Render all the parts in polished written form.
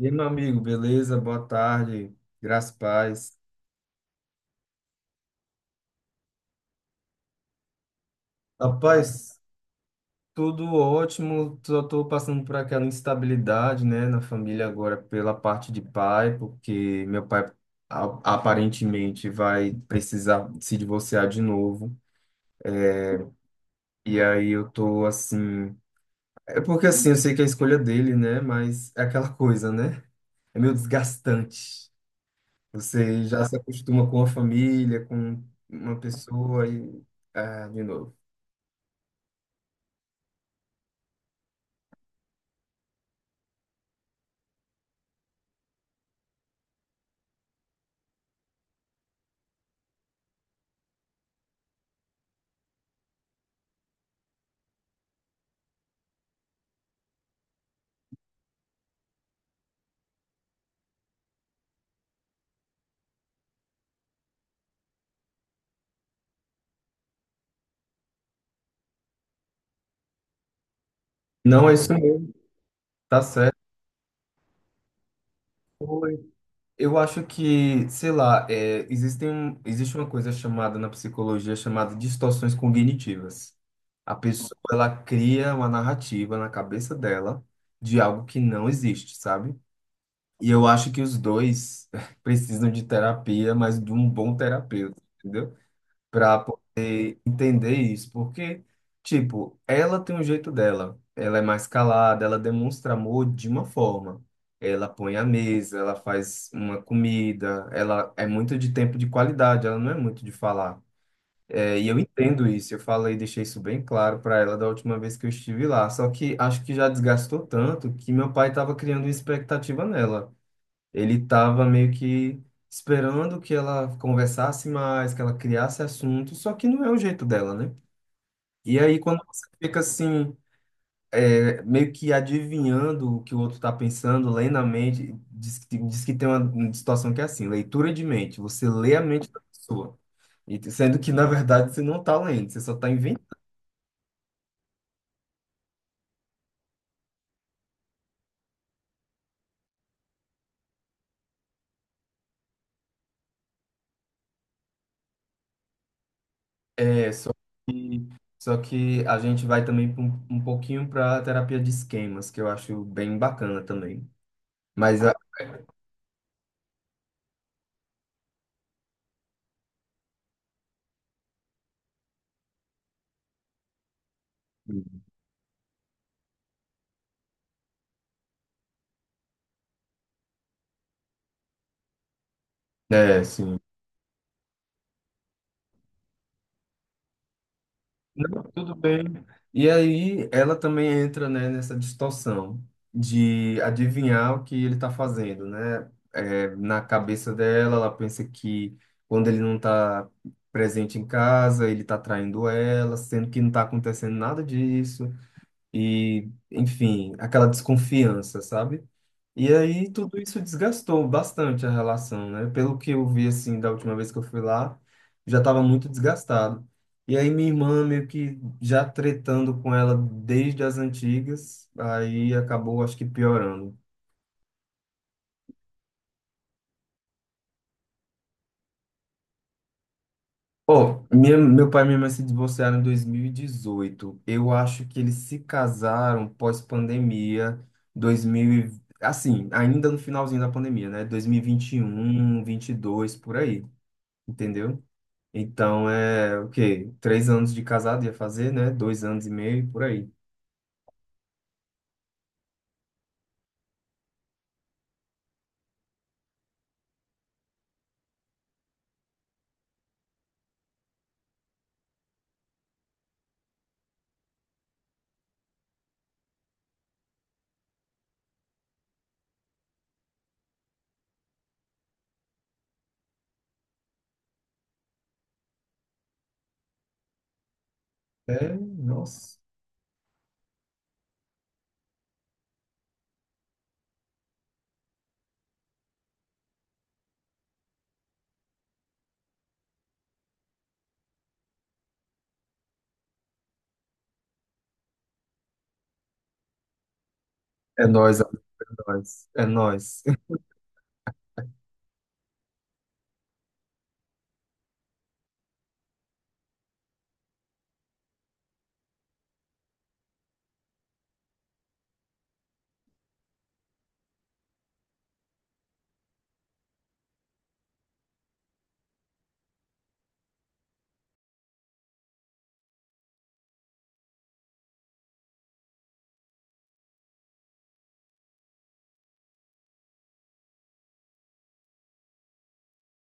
E aí, meu amigo, beleza? Boa tarde, graças e paz. Rapaz, tudo ótimo, só estou passando por aquela instabilidade, né, na família agora pela parte de pai, porque meu pai aparentemente vai precisar se divorciar de novo. E aí eu tô assim, é porque assim, eu sei que é a escolha dele, né, mas é aquela coisa, né? É meio desgastante. Você já se acostuma com a família, com uma pessoa e ah, de novo. Não, é isso mesmo, tá certo. Oi. Eu acho que, sei lá, é, existem, existe uma coisa chamada na psicologia chamada distorções cognitivas. A pessoa, ela cria uma narrativa na cabeça dela de algo que não existe, sabe? E eu acho que os dois precisam de terapia, mas de um bom terapeuta, entendeu? Para poder entender isso, porque, tipo, ela tem um jeito dela, ela é mais calada, ela demonstra amor de uma forma. Ela põe a mesa, ela faz uma comida, ela é muito de tempo de qualidade, ela não é muito de falar. É, e eu entendo isso, eu falei, deixei isso bem claro para ela da última vez que eu estive lá. Só que acho que já desgastou tanto que meu pai estava criando uma expectativa nela. Ele estava meio que esperando que ela conversasse mais, que ela criasse assunto, só que não é o jeito dela, né? E aí, quando você fica assim, é, meio que adivinhando o que o outro está pensando, lendo a mente, diz que tem uma situação que é assim, leitura de mente, você lê a mente da pessoa, e, sendo que, na verdade, você não está lendo, você só está inventando. É, que, só que a gente vai também pra um pouquinho para a terapia de esquemas, que eu acho bem bacana também. Mas a- É, sim. Não, tudo bem. E aí ela também entra, né, nessa distorção de adivinhar o que ele está fazendo, né? É, na cabeça dela, ela pensa que quando ele não está presente em casa, ele está traindo ela, sendo que não está acontecendo nada disso. E, enfim, aquela desconfiança, sabe? E aí tudo isso desgastou bastante a relação, né? Pelo que eu vi assim da última vez que eu fui lá, já estava muito desgastado. E aí minha irmã meio que já tretando com ela desde as antigas, aí acabou acho que piorando. Ó, meu pai e minha mãe se divorciaram em 2018. Eu acho que eles se casaram pós-pandemia, 2000, assim, ainda no finalzinho da pandemia, né? Dois mil e vinte, 2021, vinte e dois por aí, entendeu? Então é o quê? 3 anos de casado ia fazer, né? 2 anos e meio, por aí. É, nossa. É nóis, amigo, é nóis. É nóis.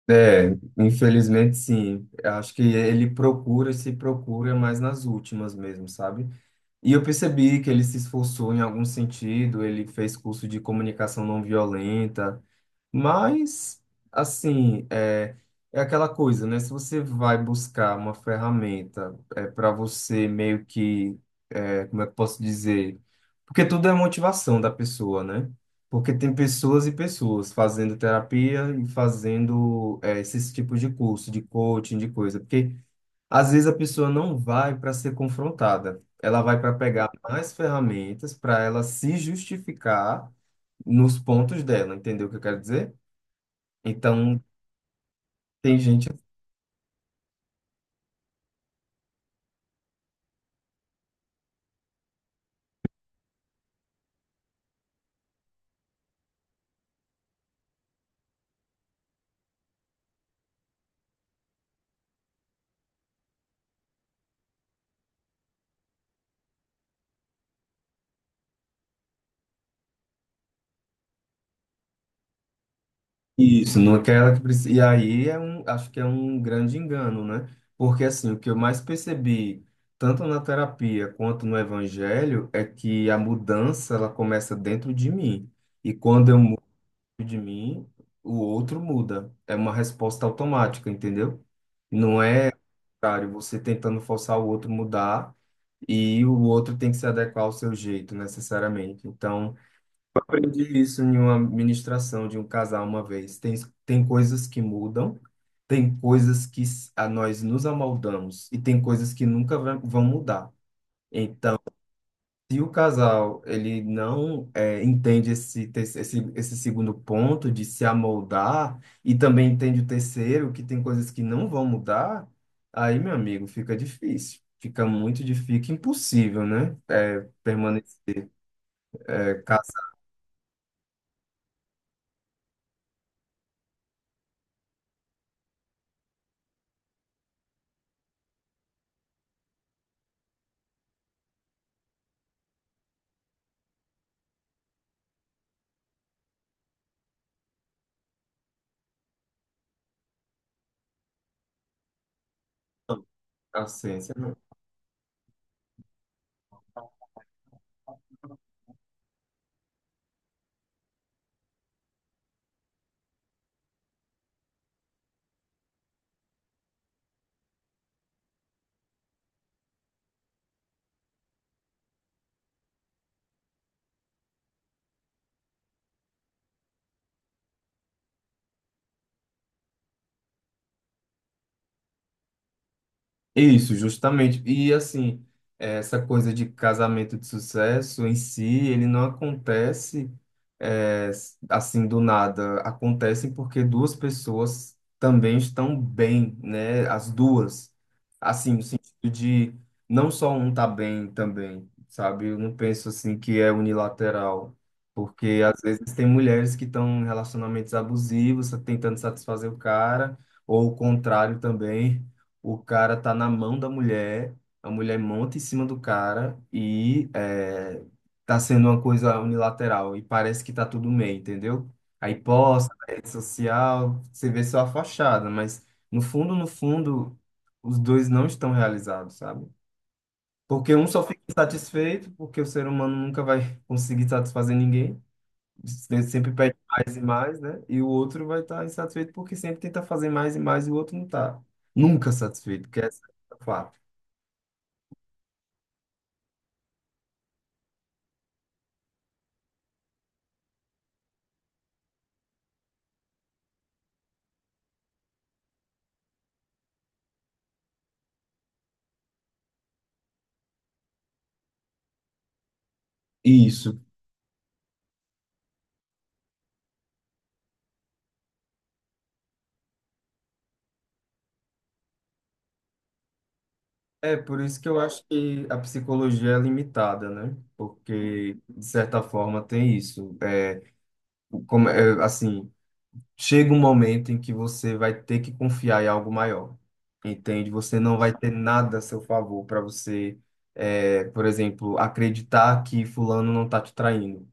É, infelizmente sim. Eu acho que ele procura e se procura mais nas últimas mesmo, sabe? E eu percebi que ele se esforçou em algum sentido, ele fez curso de comunicação não violenta. Mas, assim, é, é aquela coisa, né? Se você vai buscar uma ferramenta é, para você meio que, é, como é que eu posso dizer? Porque tudo é motivação da pessoa, né? Porque tem pessoas e pessoas fazendo terapia e fazendo é, esses tipos de curso, de coaching, de coisa. Porque às vezes a pessoa não vai para ser confrontada, ela vai para pegar mais ferramentas para ela se justificar nos pontos dela, entendeu o que eu quero dizer? Então, tem gente isso, não quer ela que precisa. E aí é um, acho que é um grande engano, né? Porque assim, o que eu mais percebi, tanto na terapia quanto no evangelho, é que a mudança ela começa dentro de mim. E quando eu mudo de mim, o outro muda. É uma resposta automática, entendeu? Não é, cara, você tentando forçar o outro mudar e o outro tem que se adequar ao seu jeito, necessariamente. Então, aprendi isso em uma ministração de um casal uma vez. Tem coisas que mudam, tem coisas que a nós nos amoldamos e tem coisas que nunca vão mudar. Então, se o casal ele não eh, entende esse, esse, esse segundo ponto de se amoldar e também entende o terceiro, que tem coisas que não vão mudar, aí, meu amigo, fica difícil. Fica muito difícil, fica impossível, né? Eh, permanecer casado. Isso, justamente. E assim, essa coisa de casamento de sucesso em si, ele não acontece eh, assim do nada. Acontece porque duas pessoas também estão bem, né? As duas. Assim, no sentido de não só um tá bem também, sabe? Eu não penso assim que é unilateral. Porque às vezes tem mulheres que estão em relacionamentos abusivos, tá tentando satisfazer o cara, ou o contrário também. O cara tá na mão da mulher, a mulher monta em cima do cara e é, tá sendo uma coisa unilateral e parece que tá tudo bem, entendeu? Aí posta na rede social, você vê só a fachada, mas no fundo, no fundo, os dois não estão realizados, sabe? Porque um só fica insatisfeito, porque o ser humano nunca vai conseguir satisfazer ninguém, você sempre pede mais e mais, né? E o outro vai estar insatisfeito porque sempre tenta fazer mais e mais e o outro não está nunca satisfeito, que esse é o fato. Isso. É por isso que eu acho que a psicologia é limitada, né? Porque, de certa forma, tem isso. É, como, é, assim, chega um momento em que você vai ter que confiar em algo maior, entende? Você não vai ter nada a seu favor para você, é, por exemplo, acreditar que fulano não está te traindo.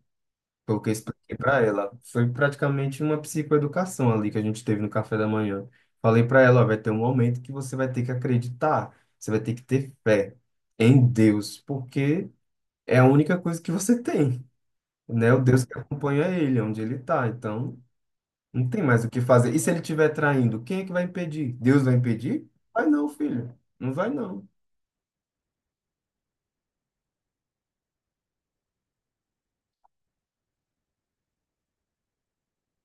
Foi o que eu expliquei para ela. Foi praticamente uma psicoeducação ali que a gente teve no café da manhã. Falei para ela, ó, vai ter um momento que você vai ter que acreditar, você vai ter que ter fé em Deus, porque é a única coisa que você tem, né? O Deus que acompanha ele, onde ele tá. Então, não tem mais o que fazer. E se ele estiver traindo, quem é que vai impedir? Deus vai impedir? Vai não, filho. Não vai não.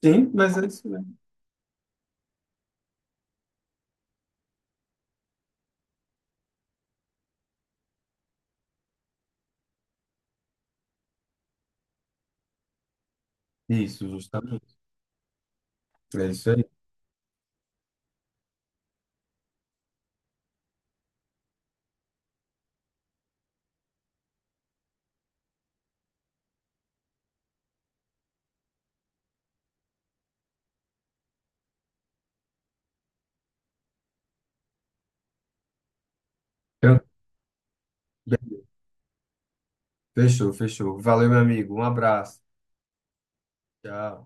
Sim, mas é isso mesmo. Isso, justamente. É isso aí. Então, fechou, fechou. Valeu, meu amigo. Um abraço. Tchau.